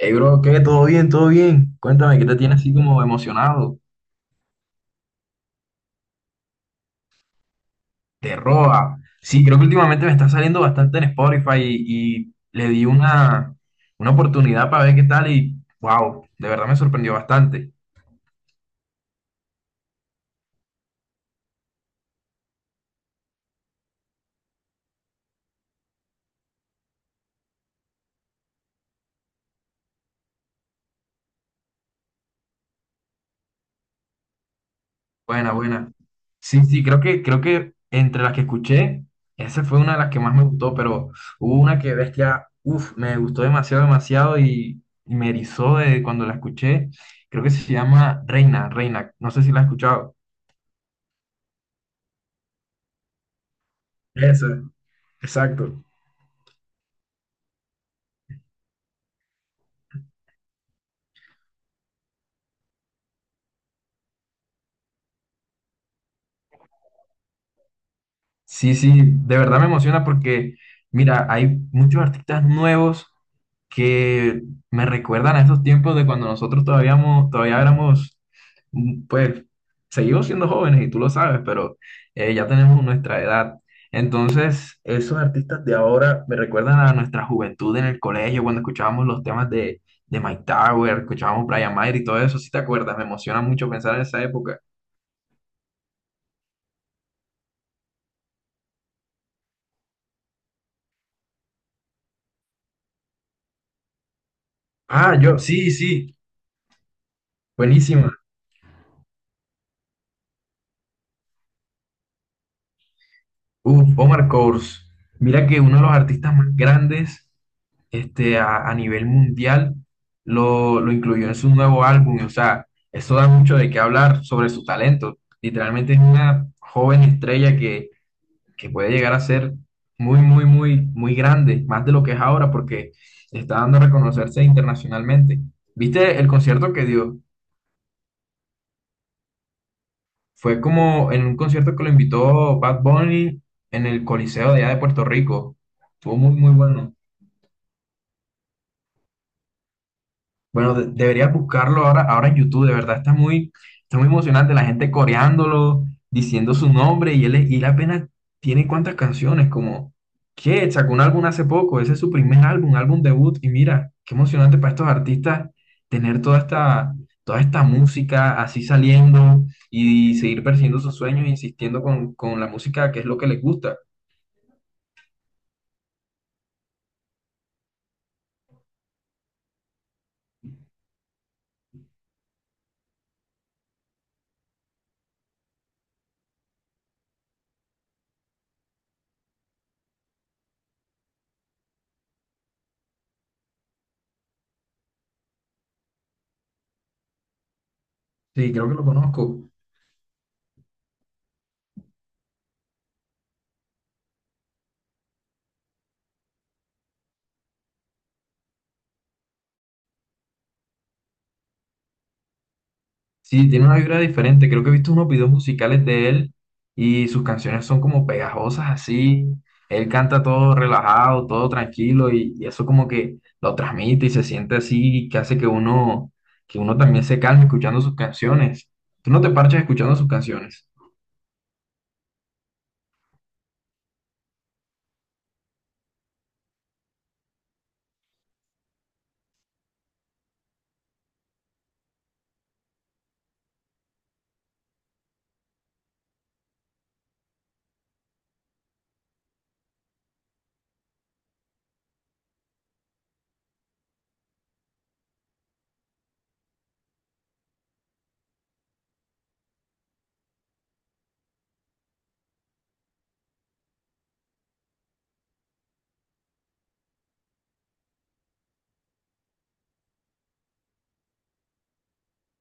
Hey, bro, ¿qué? ¿Todo bien? ¿Todo bien? Cuéntame, ¿qué te tiene así como emocionado? ¿Te roba? Sí, creo que últimamente me está saliendo bastante en Spotify y le di una oportunidad para ver qué tal y wow, de verdad me sorprendió bastante. Buena, buena. Sí, sí, creo que entre las que escuché, esa fue una de las que más me gustó, pero hubo una que bestia, me gustó demasiado, demasiado y me erizó de cuando la escuché. Creo que se llama Reina, Reina, no sé si la has escuchado. Esa. Exacto. Sí, sí, de verdad me emociona porque, mira, hay muchos artistas nuevos que me recuerdan a esos tiempos de cuando nosotros todavía, todavía éramos, pues, seguimos siendo jóvenes y tú lo sabes, pero ya tenemos nuestra edad. Entonces, esos artistas de ahora me recuerdan a nuestra juventud en el colegio, cuando escuchábamos los temas de Mike Tower, escuchábamos Brian Mayer y todo eso, si te acuerdas. Me emociona mucho pensar en esa época. Ah, yo, sí, sí, buenísimo. Uf, Omar Course. Mira que uno de los artistas más grandes a nivel mundial lo incluyó en su nuevo álbum. O sea, eso da mucho de qué hablar sobre su talento. Literalmente es una joven estrella que puede llegar a ser muy, muy, muy, muy grande, más de lo que es ahora, porque está dando a reconocerse internacionalmente. ¿Viste el concierto que dio? Fue como en un concierto que lo invitó Bad Bunny en el Coliseo de allá de Puerto Rico. Estuvo muy, muy bueno. Bueno, deberías buscarlo ahora, ahora en YouTube, de verdad está muy emocionante, la gente coreándolo, diciendo su nombre y él apenas tiene cuántas canciones, como, ¿qué? Sacó un álbum hace poco, ese es su primer álbum, álbum debut, y mira, qué emocionante para estos artistas tener toda esta música así saliendo y seguir persiguiendo sus sueños, e insistiendo con la música que es lo que les gusta. Sí, creo que lo conozco. Sí, tiene una vibra diferente. Creo que he visto unos videos musicales de él y sus canciones son como pegajosas así. Él canta todo relajado, todo tranquilo y eso como que lo transmite y se siente así que hace que uno también se calme escuchando sus canciones. ¿Tú no te parches escuchando sus canciones?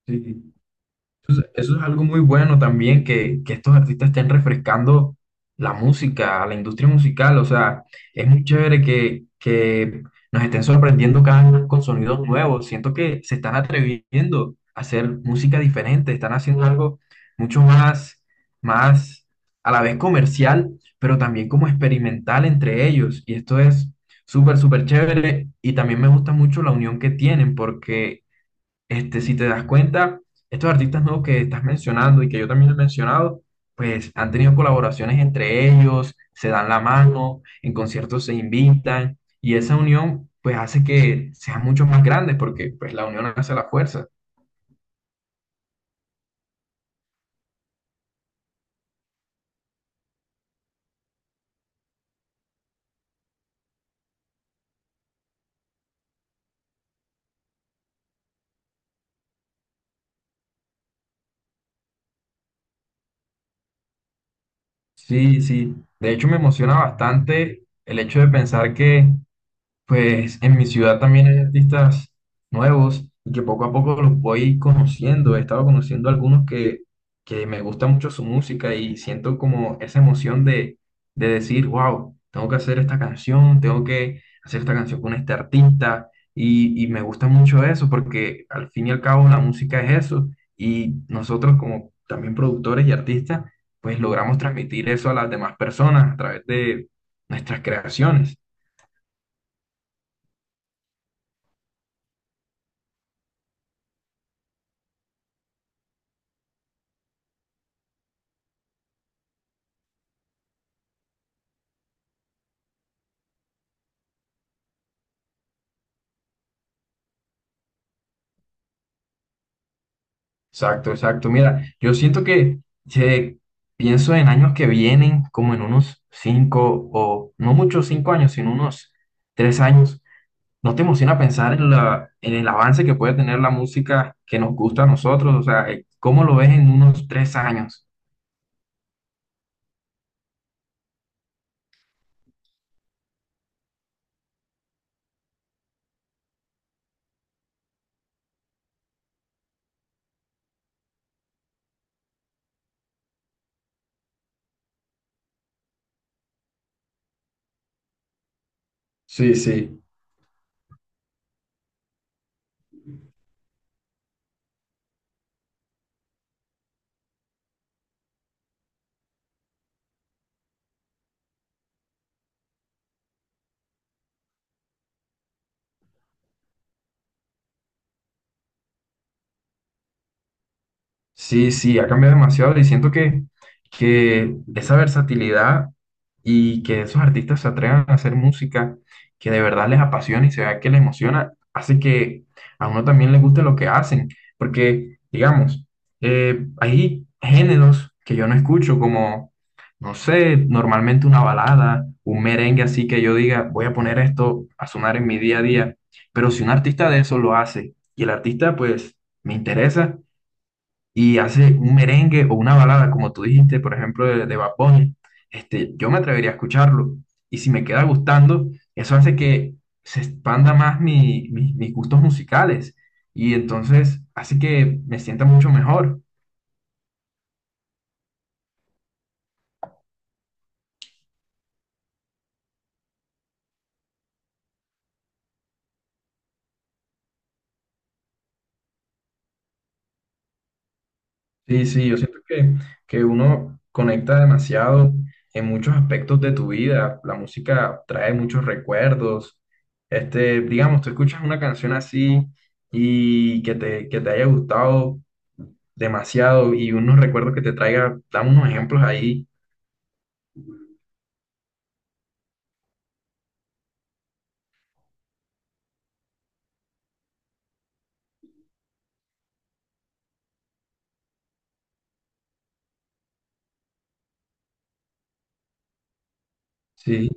Sí. Eso es algo muy bueno también, que estos artistas estén refrescando la música, la industria musical. O sea, es muy chévere que nos estén sorprendiendo cada vez con sonidos nuevos. Siento que se están atreviendo a hacer música diferente, están haciendo algo mucho más, más a la vez comercial, pero también como experimental entre ellos. Y esto es súper, súper chévere. Y también me gusta mucho la unión que tienen, porque si te das cuenta, estos artistas nuevos que estás mencionando y que yo también he mencionado, pues han tenido colaboraciones entre ellos, se dan la mano, en conciertos se invitan y esa unión pues hace que sean mucho más grandes porque pues la unión hace la fuerza. Sí, sí. De hecho me emociona bastante el hecho de pensar que pues en mi ciudad también hay artistas nuevos y que poco a poco los voy conociendo. He estado conociendo algunos que me gusta mucho su música y siento como esa emoción de decir, wow, tengo que hacer esta canción, tengo que hacer esta canción con este artista. Y me gusta mucho eso porque al fin y al cabo la música es eso. Y nosotros como también productores y artistas, pues logramos transmitir eso a las demás personas a través de nuestras creaciones. Exacto, exacto. Mira, yo siento que si pienso en años que vienen, como en unos 5 o no muchos 5 años, sino unos 3 años, ¿no te emociona pensar en la, en el avance que puede tener la música que nos gusta a nosotros? O sea, ¿cómo lo ves en unos 3 años? Sí, sí. Sí, sí, ha cambiado demasiado y siento que esa versatilidad y que esos artistas se atrevan a hacer música que de verdad les apasiona y se vea que les emociona, hace que a uno también le guste lo que hacen, porque, digamos, hay géneros que yo no escucho como, no sé, normalmente una balada, un merengue así que yo diga, voy a poner esto a sonar en mi día a día, pero si un artista de eso lo hace y el artista pues me interesa y hace un merengue o una balada, como tú dijiste, por ejemplo, de Bad Bunny, yo me atrevería a escucharlo. Y si me queda gustando, eso hace que se expanda más mis gustos musicales. Y entonces hace que me sienta mucho mejor. Sí, sí, yo siento que uno conecta demasiado en muchos aspectos de tu vida. La música trae muchos recuerdos. Digamos, tú escuchas una canción así y que te haya gustado demasiado y unos recuerdos que te traiga, dame unos ejemplos ahí. Sí,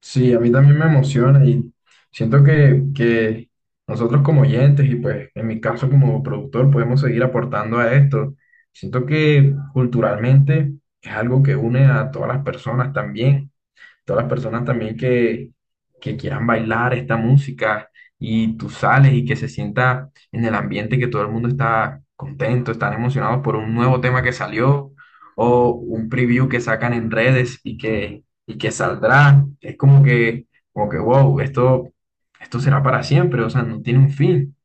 sí, a mí también me emociona y siento que nosotros como oyentes y pues en mi caso como productor podemos seguir aportando a esto. Siento que culturalmente es algo que une a todas las personas también. Todas las personas también que quieran bailar esta música y tú sales y que se sienta en el ambiente que todo el mundo está contento, están emocionados por un nuevo tema que salió o un preview que sacan en redes y que saldrá. Es como que, wow, esto será para siempre, o sea, no tiene un fin.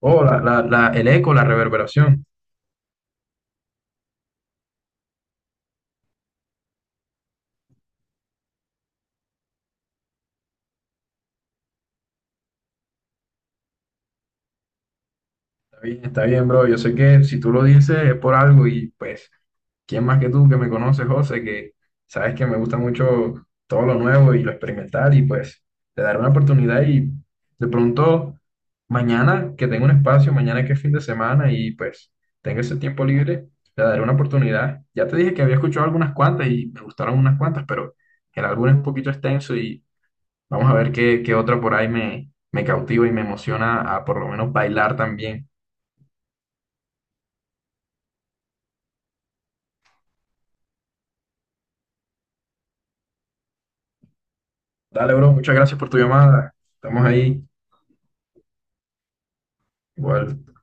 O la, el eco, la reverberación. Está bien, bro. Yo sé que si tú lo dices es por algo y pues, ¿quién más que tú que me conoces, José, que sabes que me gusta mucho todo lo nuevo y lo experimental? Y pues te daré una oportunidad y de pronto mañana que tengo un espacio, mañana que es fin de semana y pues tengo ese tiempo libre, le daré una oportunidad. Ya te dije que había escuchado algunas cuantas y me gustaron unas cuantas, pero el álbum es un poquito extenso y vamos a ver qué, qué otra por ahí me, me cautiva y me emociona a por lo menos bailar también. Dale, bro, muchas gracias por tu llamada. Estamos ahí. Igual.